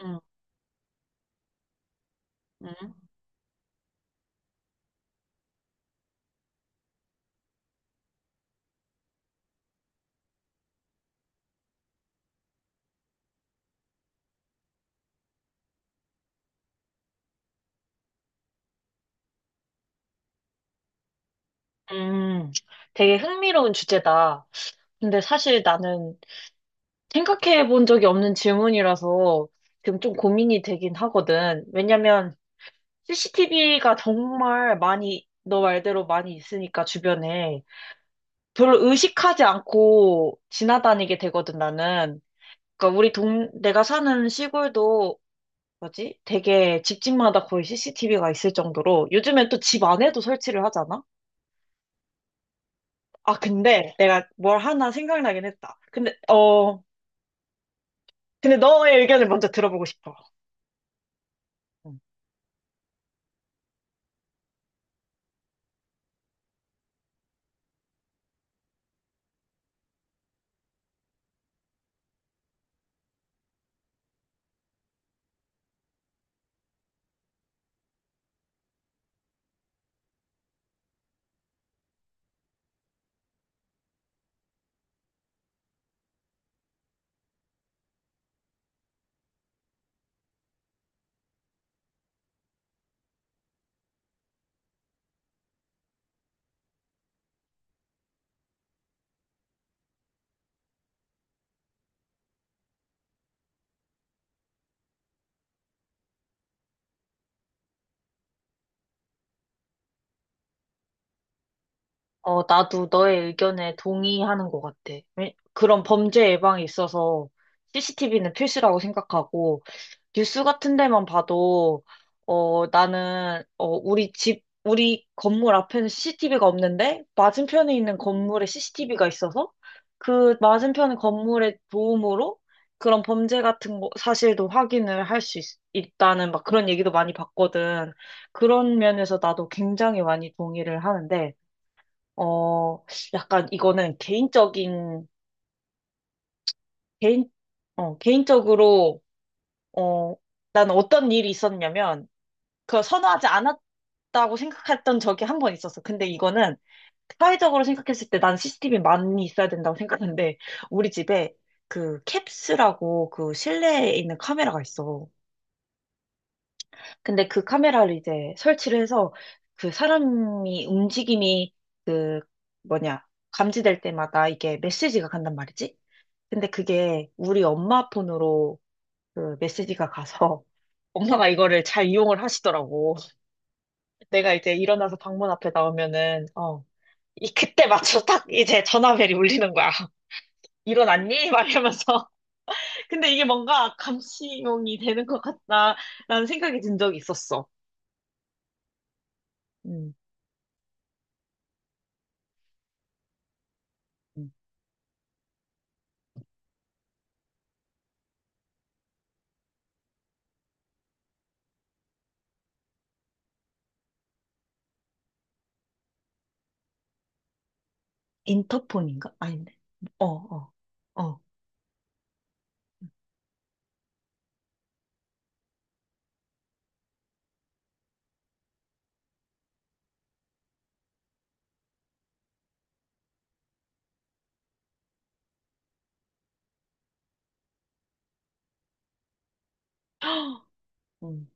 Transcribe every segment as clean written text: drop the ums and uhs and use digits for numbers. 음, 음, 음. 되게 흥미로운 주제다. 근데 사실 나는 생각해 본 적이 없는 질문이라서 지금 좀 고민이 되긴 하거든. 왜냐면 CCTV가 정말 많이, 너 말대로 많이 있으니까 주변에 별로 의식하지 않고 지나다니게 되거든, 나는. 그러니까 내가 사는 시골도 뭐지? 되게 집집마다 거의 CCTV가 있을 정도로 요즘엔 또 집 안에도 설치를 하잖아? 아, 근데 내가 뭘 하나 생각나긴 했다. 근데 너의 의견을 먼저 들어보고 싶어. 응. 어, 나도 너의 의견에 동의하는 것 같아. 그런 범죄 예방에 있어서 CCTV는 필수라고 생각하고, 뉴스 같은 데만 봐도, 나는, 우리 집, 우리 건물 앞에는 CCTV가 없는데, 맞은편에 있는 건물에 CCTV가 있어서, 그 맞은편 건물의 도움으로 그런 범죄 같은 거, 사실도 확인을 할 수 있다는 막 그런 얘기도 많이 봤거든. 그런 면에서 나도 굉장히 많이 동의를 하는데, 어, 약간 이거는 개인, 개인적으로, 어, 난 어떤 일이 있었냐면, 그걸 선호하지 않았다고 생각했던 적이 한 번 있었어. 근데 이거는 사회적으로 생각했을 때 난 CCTV 많이 있어야 된다고 생각하는데, 우리 집에 그 캡스라고 그 실내에 있는 카메라가 있어. 근데 그 카메라를 이제 설치를 해서 그 사람이 움직임이 그 뭐냐, 감지될 때마다 이게 메시지가 간단 말이지? 근데 그게 우리 엄마 폰으로 그 메시지가 가서 엄마가 이거를 잘 이용을 하시더라고. 내가 이제 일어나서 방문 앞에 나오면은, 이 그때 맞춰 딱 이제 전화벨이 울리는 거야. 일어났니? 막 이러면서. 근데 이게 뭔가 감시용이 되는 것 같다라는 생각이 든 적이 있었어. 음, 음. 인터폰인가? 아닌데. 어, 어, 어. 음,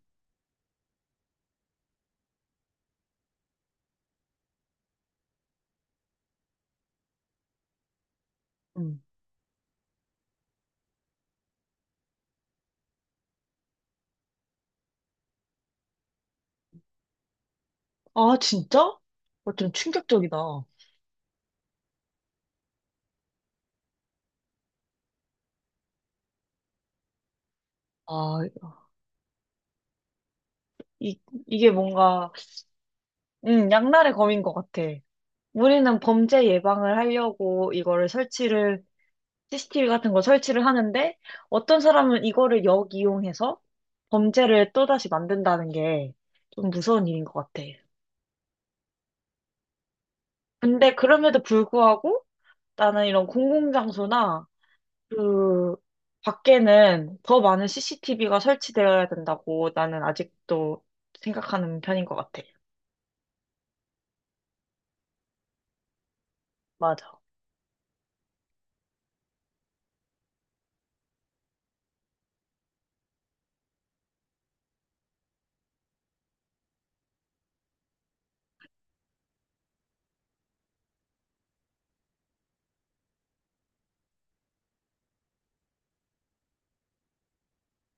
음. 아, 진짜? 어, 좀 충격적이다. 아, 이, 이게 뭔가 응 양날의 검인 것 같아. 우리는 범죄 예방을 하려고 CCTV 같은 거 설치를 하는데, 어떤 사람은 이거를 역이용해서 범죄를 또다시 만든다는 게 좀 무서운 일인 것 같아. 근데 그럼에도 불구하고 나는 이런 공공장소나 그 밖에는 더 많은 CCTV가 설치되어야 된다고 나는 아직도 생각하는 편인 것 같아. 맞아.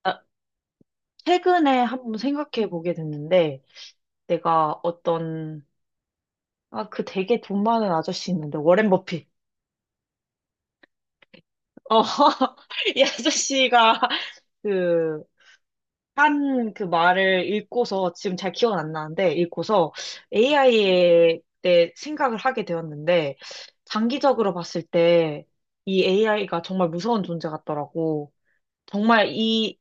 아, 최근에 한번 생각해 보게 됐는데, 내가 어떤, 그 되게 돈 많은 아저씨 있는데, 워렌 버핏. 어, 이 아저씨가 그, 한 그 말을 읽고서, 지금 잘 기억은 안 나는데, 읽고서 AI에 대해 생각을 하게 되었는데, 장기적으로 봤을 때, 이 AI가 정말 무서운 존재 같더라고. 정말 이,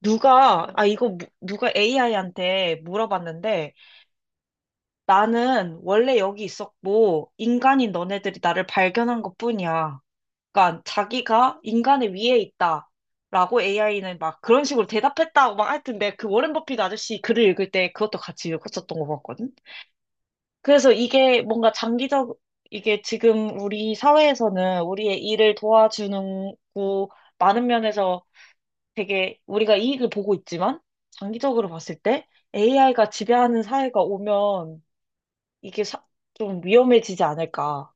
누가, 누가 AI한테 물어봤는데, 나는 원래 여기 있었고, 인간인 너네들이 나를 발견한 것뿐이야. 그러니까 자기가 인간의 위에 있다. 라고 AI는 막 그런 식으로 대답했다고 막 하여튼 내가 그 워렌 버핏 아저씨 글을 읽을 때 그것도 같이 읽었었던 것 같거든. 그래서 이게 지금 우리 사회에서는 우리의 일을 도와주는 고 많은 면에서 되게 우리가 이익을 보고 있지만 장기적으로 봤을 때 AI가 지배하는 사회가 오면 이게 사- 좀 위험해지지 않을까.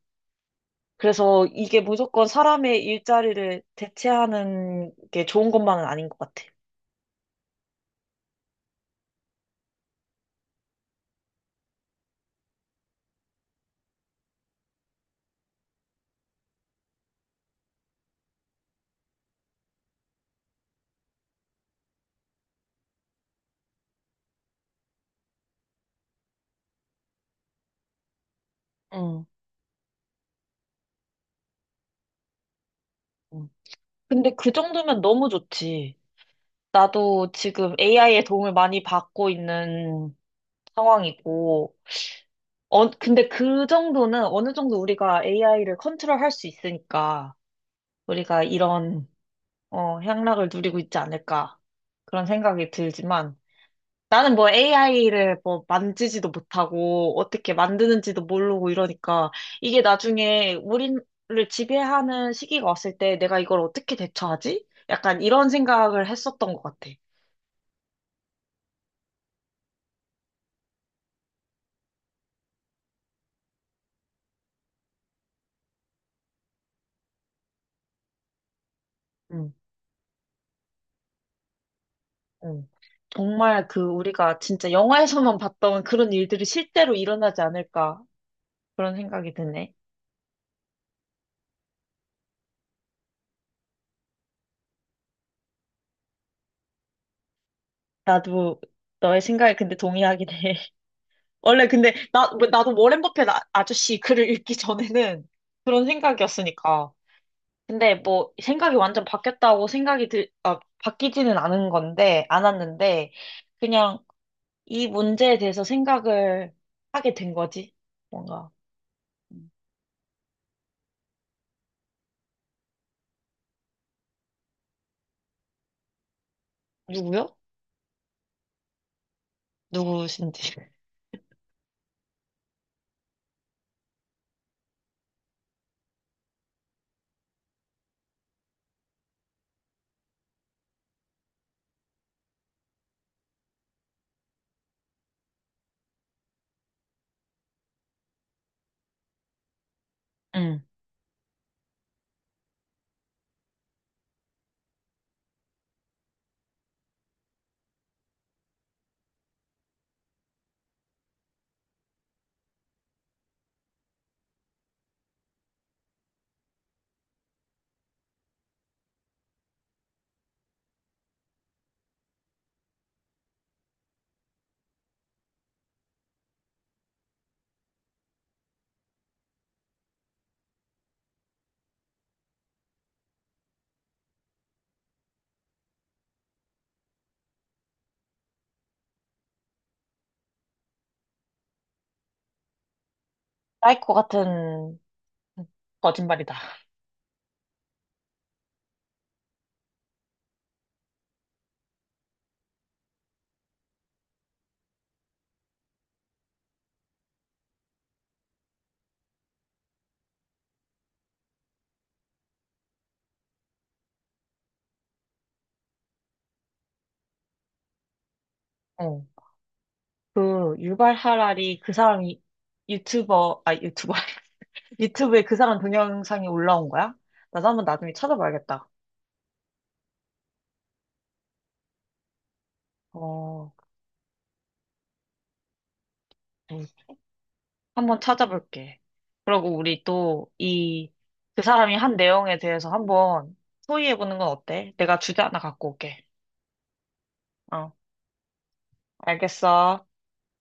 그래서 이게 무조건 사람의 일자리를 대체하는 게 좋은 것만은 아닌 것 같아. 응, 응, 근데 그 정도면 너무 좋지. 나도 지금 AI의 도움을 많이 받고 있는 상황이고, 근데 그 정도는 어느 정도 우리가 AI를 컨트롤할 수 있으니까 우리가 이런 향락을 누리고 있지 않을까 그런 생각이 들지만 나는 뭐 AI를 뭐 만지지도 못하고 어떻게 만드는지도 모르고 이러니까 이게 나중에 우리를 지배하는 시기가 왔을 때 내가 이걸 어떻게 대처하지? 약간 이런 생각을 했었던 것 같아. 응, 응. 정말 그 우리가 진짜 영화에서만 봤던 그런 일들이 실제로 일어나지 않을까 그런 생각이 드네. 나도 너의 생각에 근데 동의하긴 해. 원래 근데 나 나도 워렌 버핏 아저씨 글을 읽기 전에는 그런 생각이었으니까. 근데 뭐 생각이 완전 바뀌었다고 생각이 들, 아, 바뀌지는 않았는데, 그냥 이 문제에 대해서 생각을 하게 된 거지. 뭔가. 음. 누구요? 누구신지. 응. 사이코 같은 거짓말이다. 어. 그 유발 하라리 그 사람이 유튜버, 아, 유튜버, 유튜브에 그 사람 동영상이 올라온 거야? 나도 한번 나중에 찾아봐야겠다. 어, 한번 찾아볼게. 그러고 그 사람이 한 내용에 대해서 한번 토의해보는 건 어때? 내가 주제 하나 갖고 올게. 어, 알겠어.